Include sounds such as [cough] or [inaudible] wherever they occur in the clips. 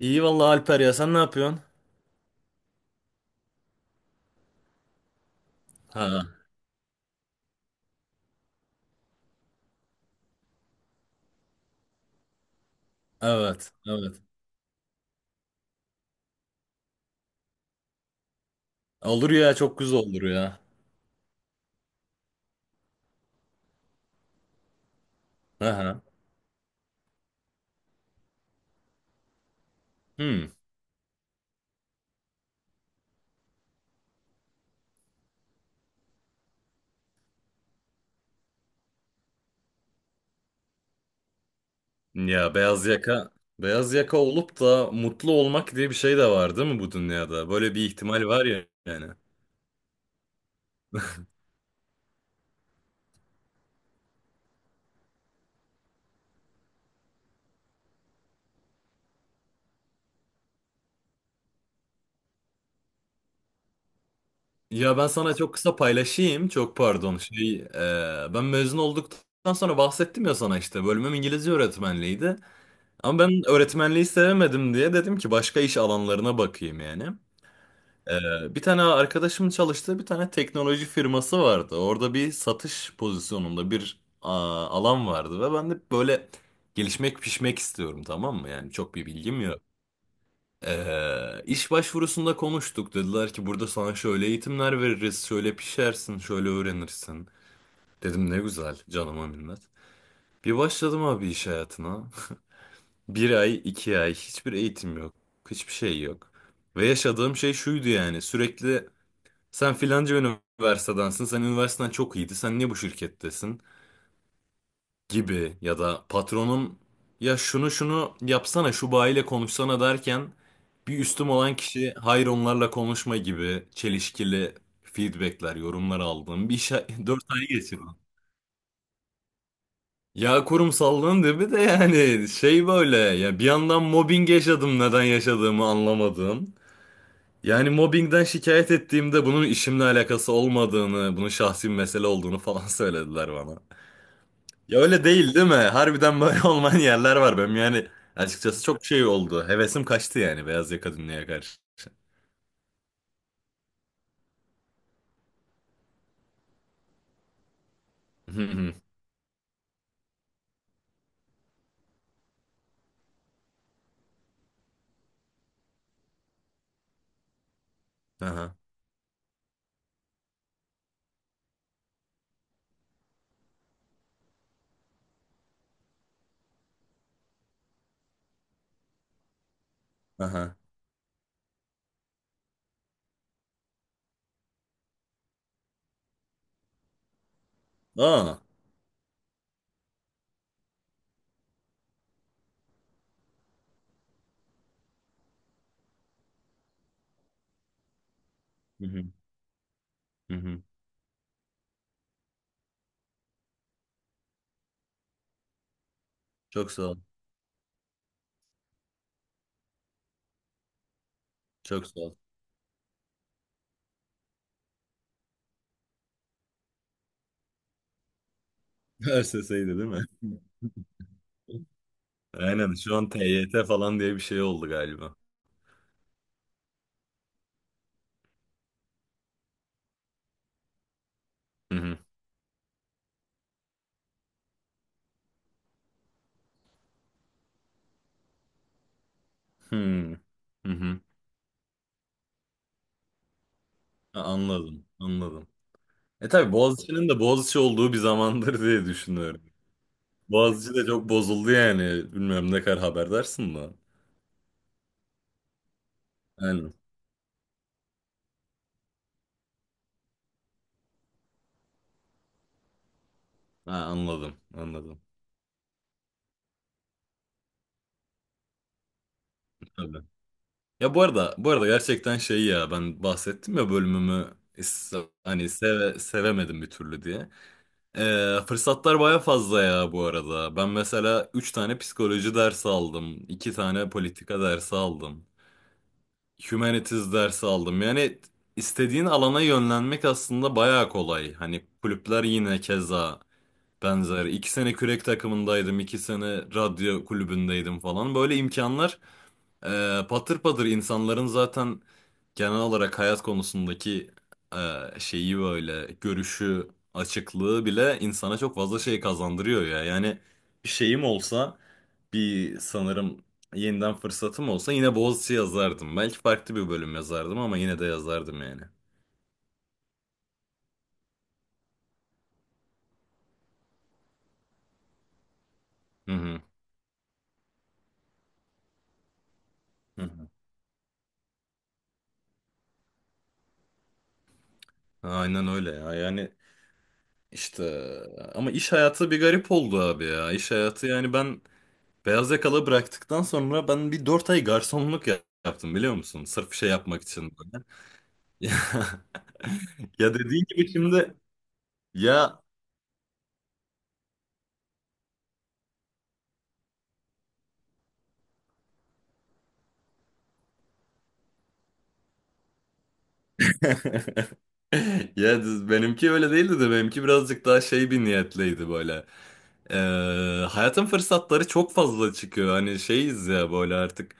İyi vallahi Alper, ya sen ne yapıyorsun? Ha, evet, evet. Olur ya, çok güzel olur ya. Aha. Hmm. Ya beyaz yaka beyaz yaka olup da mutlu olmak diye bir şey de var değil mi bu dünyada? Böyle bir ihtimal var ya yani. Ya ben sana çok kısa paylaşayım. Çok pardon. Şey, ben mezun olduktan sonra bahsettim ya sana işte. Bölümüm İngilizce öğretmenliğiydi. Ama ben öğretmenliği sevemedim diye dedim ki başka iş alanlarına bakayım yani. Bir tane arkadaşımın çalıştığı bir tane teknoloji firması vardı. Orada bir satış pozisyonunda bir alan vardı ve ben de böyle gelişmek pişmek istiyorum, tamam mı? Yani çok bir bilgim yok. İş başvurusunda konuştuk. Dediler ki burada sana şöyle eğitimler veririz, şöyle pişersin, şöyle öğrenirsin. Dedim ne güzel, canıma minnet. Bir başladım abi iş hayatına. [laughs] Bir ay, iki ay hiçbir eğitim yok, hiçbir şey yok. Ve yaşadığım şey şuydu: yani sürekli sen filanca üniversitedensin. Sen üniversiteden çok iyiydi. Sen niye bu şirkettesin? Gibi ya da patronum ya şunu şunu yapsana, şu bayiyle konuşsana derken bir üstüm olan kişi hayır onlarla konuşma gibi çelişkili feedbackler, yorumlar aldım. Bir şey [laughs] 4 ay geçirdim. Ya kurumsallığın dibi de yani şey böyle ya, bir yandan mobbing yaşadım, neden yaşadığımı anlamadım. Yani mobbingden şikayet ettiğimde bunun işimle alakası olmadığını, bunun şahsi bir mesele olduğunu falan [laughs] söylediler bana. Ya öyle değil değil mi? Harbiden böyle [laughs] olmayan yerler var benim yani. Açıkçası çok şey oldu. Hevesim kaçtı yani beyaz yaka dünyaya karşı. [laughs] Hı hı. Aha. Aha. Aa. Hı hı. Hı hı. Çok sağ ol. Çok sağ ol. [laughs] ÖSS'ydi değil mi? [laughs] Aynen şu an T Y T falan diye bir şey oldu galiba. Hı hı. Hı hı. Hı hı. Ha, anladım. Anladım. E tabii Boğaziçi'nin de Boğaziçi olduğu bir zamandır diye düşünüyorum. Boğaziçi de çok bozuldu yani. Bilmiyorum ne kadar haberdarsın da. Aynen. Ha, anladım. Anladım. Tabii. Ya bu arada bu arada gerçekten şey ya, ben bahsettim ya bölümümü hani sevemedim bir türlü diye. Fırsatlar baya fazla ya bu arada. Ben mesela 3 tane psikoloji dersi aldım. İki tane politika dersi aldım. Humanities dersi aldım. Yani istediğin alana yönlenmek aslında bayağı kolay. Hani kulüpler yine keza benzer. İki sene kürek takımındaydım, iki sene radyo kulübündeydim falan. Böyle imkanlar patır patır, insanların zaten genel olarak hayat konusundaki şeyi, böyle görüşü, açıklığı bile insana çok fazla şey kazandırıyor ya. Yani bir şeyim olsa bir sanırım, yeniden fırsatım olsa yine Boğaziçi yazardım. Belki farklı bir bölüm yazardım ama yine de yazardım yani. Hı hı. Hı hı. Aynen öyle ya. Yani işte ama iş hayatı bir garip oldu abi ya. İş hayatı, yani ben beyaz yakalı bıraktıktan sonra ben bir 4 ay garsonluk yaptım, biliyor musun? Sırf şey yapmak için böyle. [laughs] Ya, ya dediğin gibi şimdi ya [laughs] ya benimki öyle değildi de benimki birazcık daha şey, bir niyetliydi böyle. Ee, Hayatın fırsatları çok fazla çıkıyor. Hani şeyiz ya böyle artık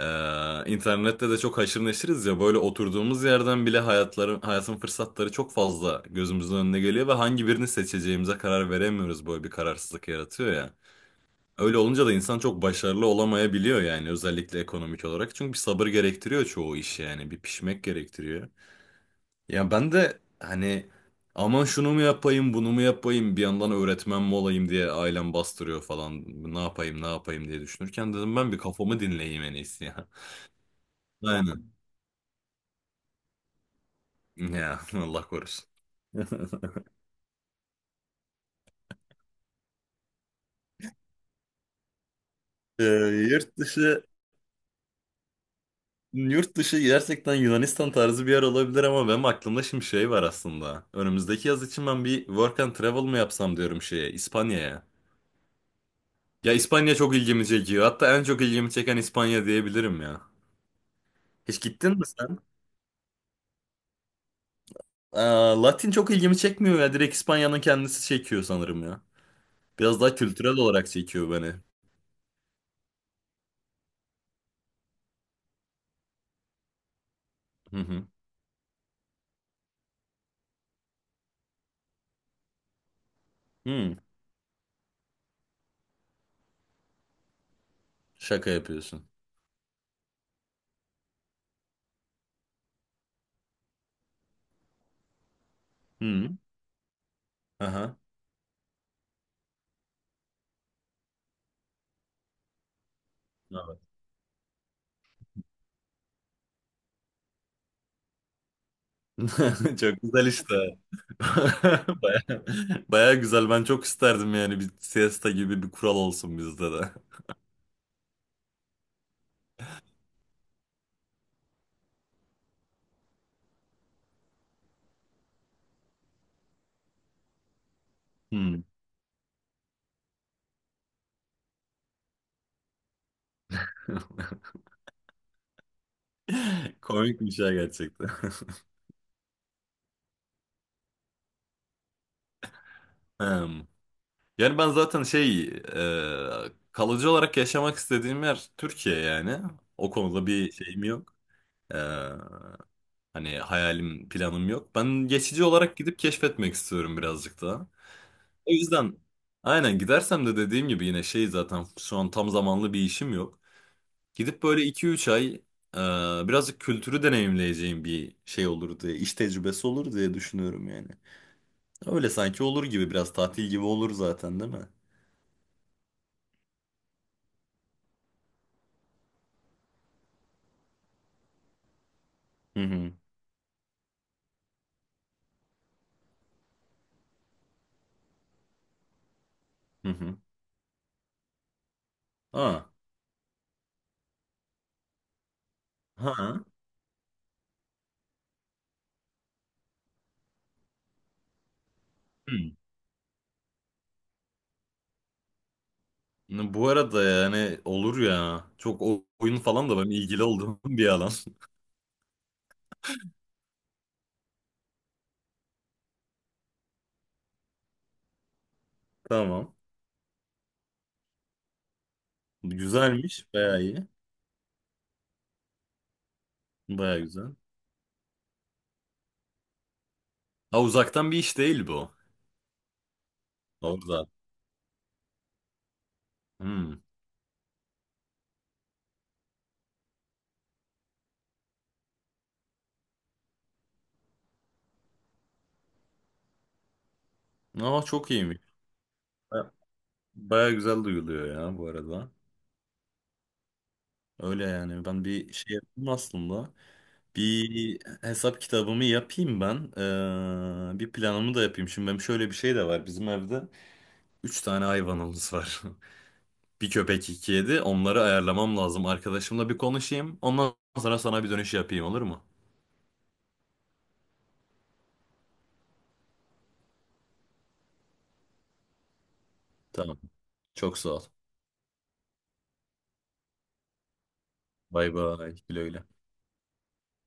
İnternette de çok haşır neşiriz ya, böyle oturduğumuz yerden bile hayatın fırsatları çok fazla gözümüzün önüne geliyor ve hangi birini seçeceğimize karar veremiyoruz, böyle bir kararsızlık yaratıyor ya. Öyle olunca da insan çok başarılı olamayabiliyor yani, özellikle ekonomik olarak. Çünkü bir sabır gerektiriyor çoğu iş, yani bir pişmek gerektiriyor. Ya ben de hani aman şunu mu yapayım bunu mu yapayım, bir yandan öğretmen mi olayım diye ailem bastırıyor falan, ne yapayım ne yapayım diye düşünürken dedim ben bir kafamı dinleyeyim en iyisi ya. [laughs] Aynen. Ya [laughs] Allah korusun. [laughs] Ee, Yurt dışı, yurt dışı gerçekten Yunanistan tarzı bir yer olabilir ama benim aklımda şimdi şey var aslında. Önümüzdeki yaz için ben bir work and travel mı yapsam diyorum şeye, İspanya'ya. Ya İspanya çok ilgimi çekiyor. Hatta en çok ilgimi çeken İspanya diyebilirim ya. Hiç gittin mi sen? Aa, Latin çok ilgimi çekmiyor ya. Direkt İspanya'nın kendisi çekiyor sanırım ya. Biraz daha kültürel olarak çekiyor beni. Hı hı. Hı. Şaka yapıyorsun. Hı. Aha. [laughs] Çok güzel işte. [laughs] Baya, baya güzel. Ben çok isterdim yani bir siesta gibi bir kural olsun bizde de. Hmm. [laughs] Komikmiş ya gerçekten. [laughs] Hmm. Yani ben zaten şey, kalıcı olarak yaşamak istediğim yer Türkiye yani. O konuda bir şeyim yok. E, hani hayalim, planım yok. Ben geçici olarak gidip keşfetmek istiyorum birazcık daha. O yüzden aynen, gidersem de dediğim gibi yine şey, zaten şu an tam zamanlı bir işim yok. Gidip böyle iki üç ay e, birazcık kültürü deneyimleyeceğim bir şey olur diye, iş tecrübesi olur diye düşünüyorum yani. Öyle sanki olur gibi, biraz tatil gibi olur zaten değil mi? Hı hı, hı hı. Aa, ha. Hı. Bu arada yani olur ya. Çok oyun falan da ben ilgili olduğum [laughs] bir alan. Tamam. Güzelmiş, bayağı iyi. Bayağı güzel. Ha, uzaktan bir iş değil bu. Orada. Hı. Aa çok iyiymiş. Ba- Bayağı güzel duyuluyor ya bu arada. Öyle yani ben bir şey yapayım aslında. Bir hesap kitabımı yapayım ben. Bir planımı da yapayım. Şimdi benim şöyle bir şey de var. Bizim evde 3 tane hayvanımız var. [laughs] Bir köpek, iki kedi. Onları ayarlamam lazım. Arkadaşımla bir konuşayım. Ondan sonra sana bir dönüş yapayım, olur mu? Tamam. Çok sağ ol. Bay bay. Güle güle.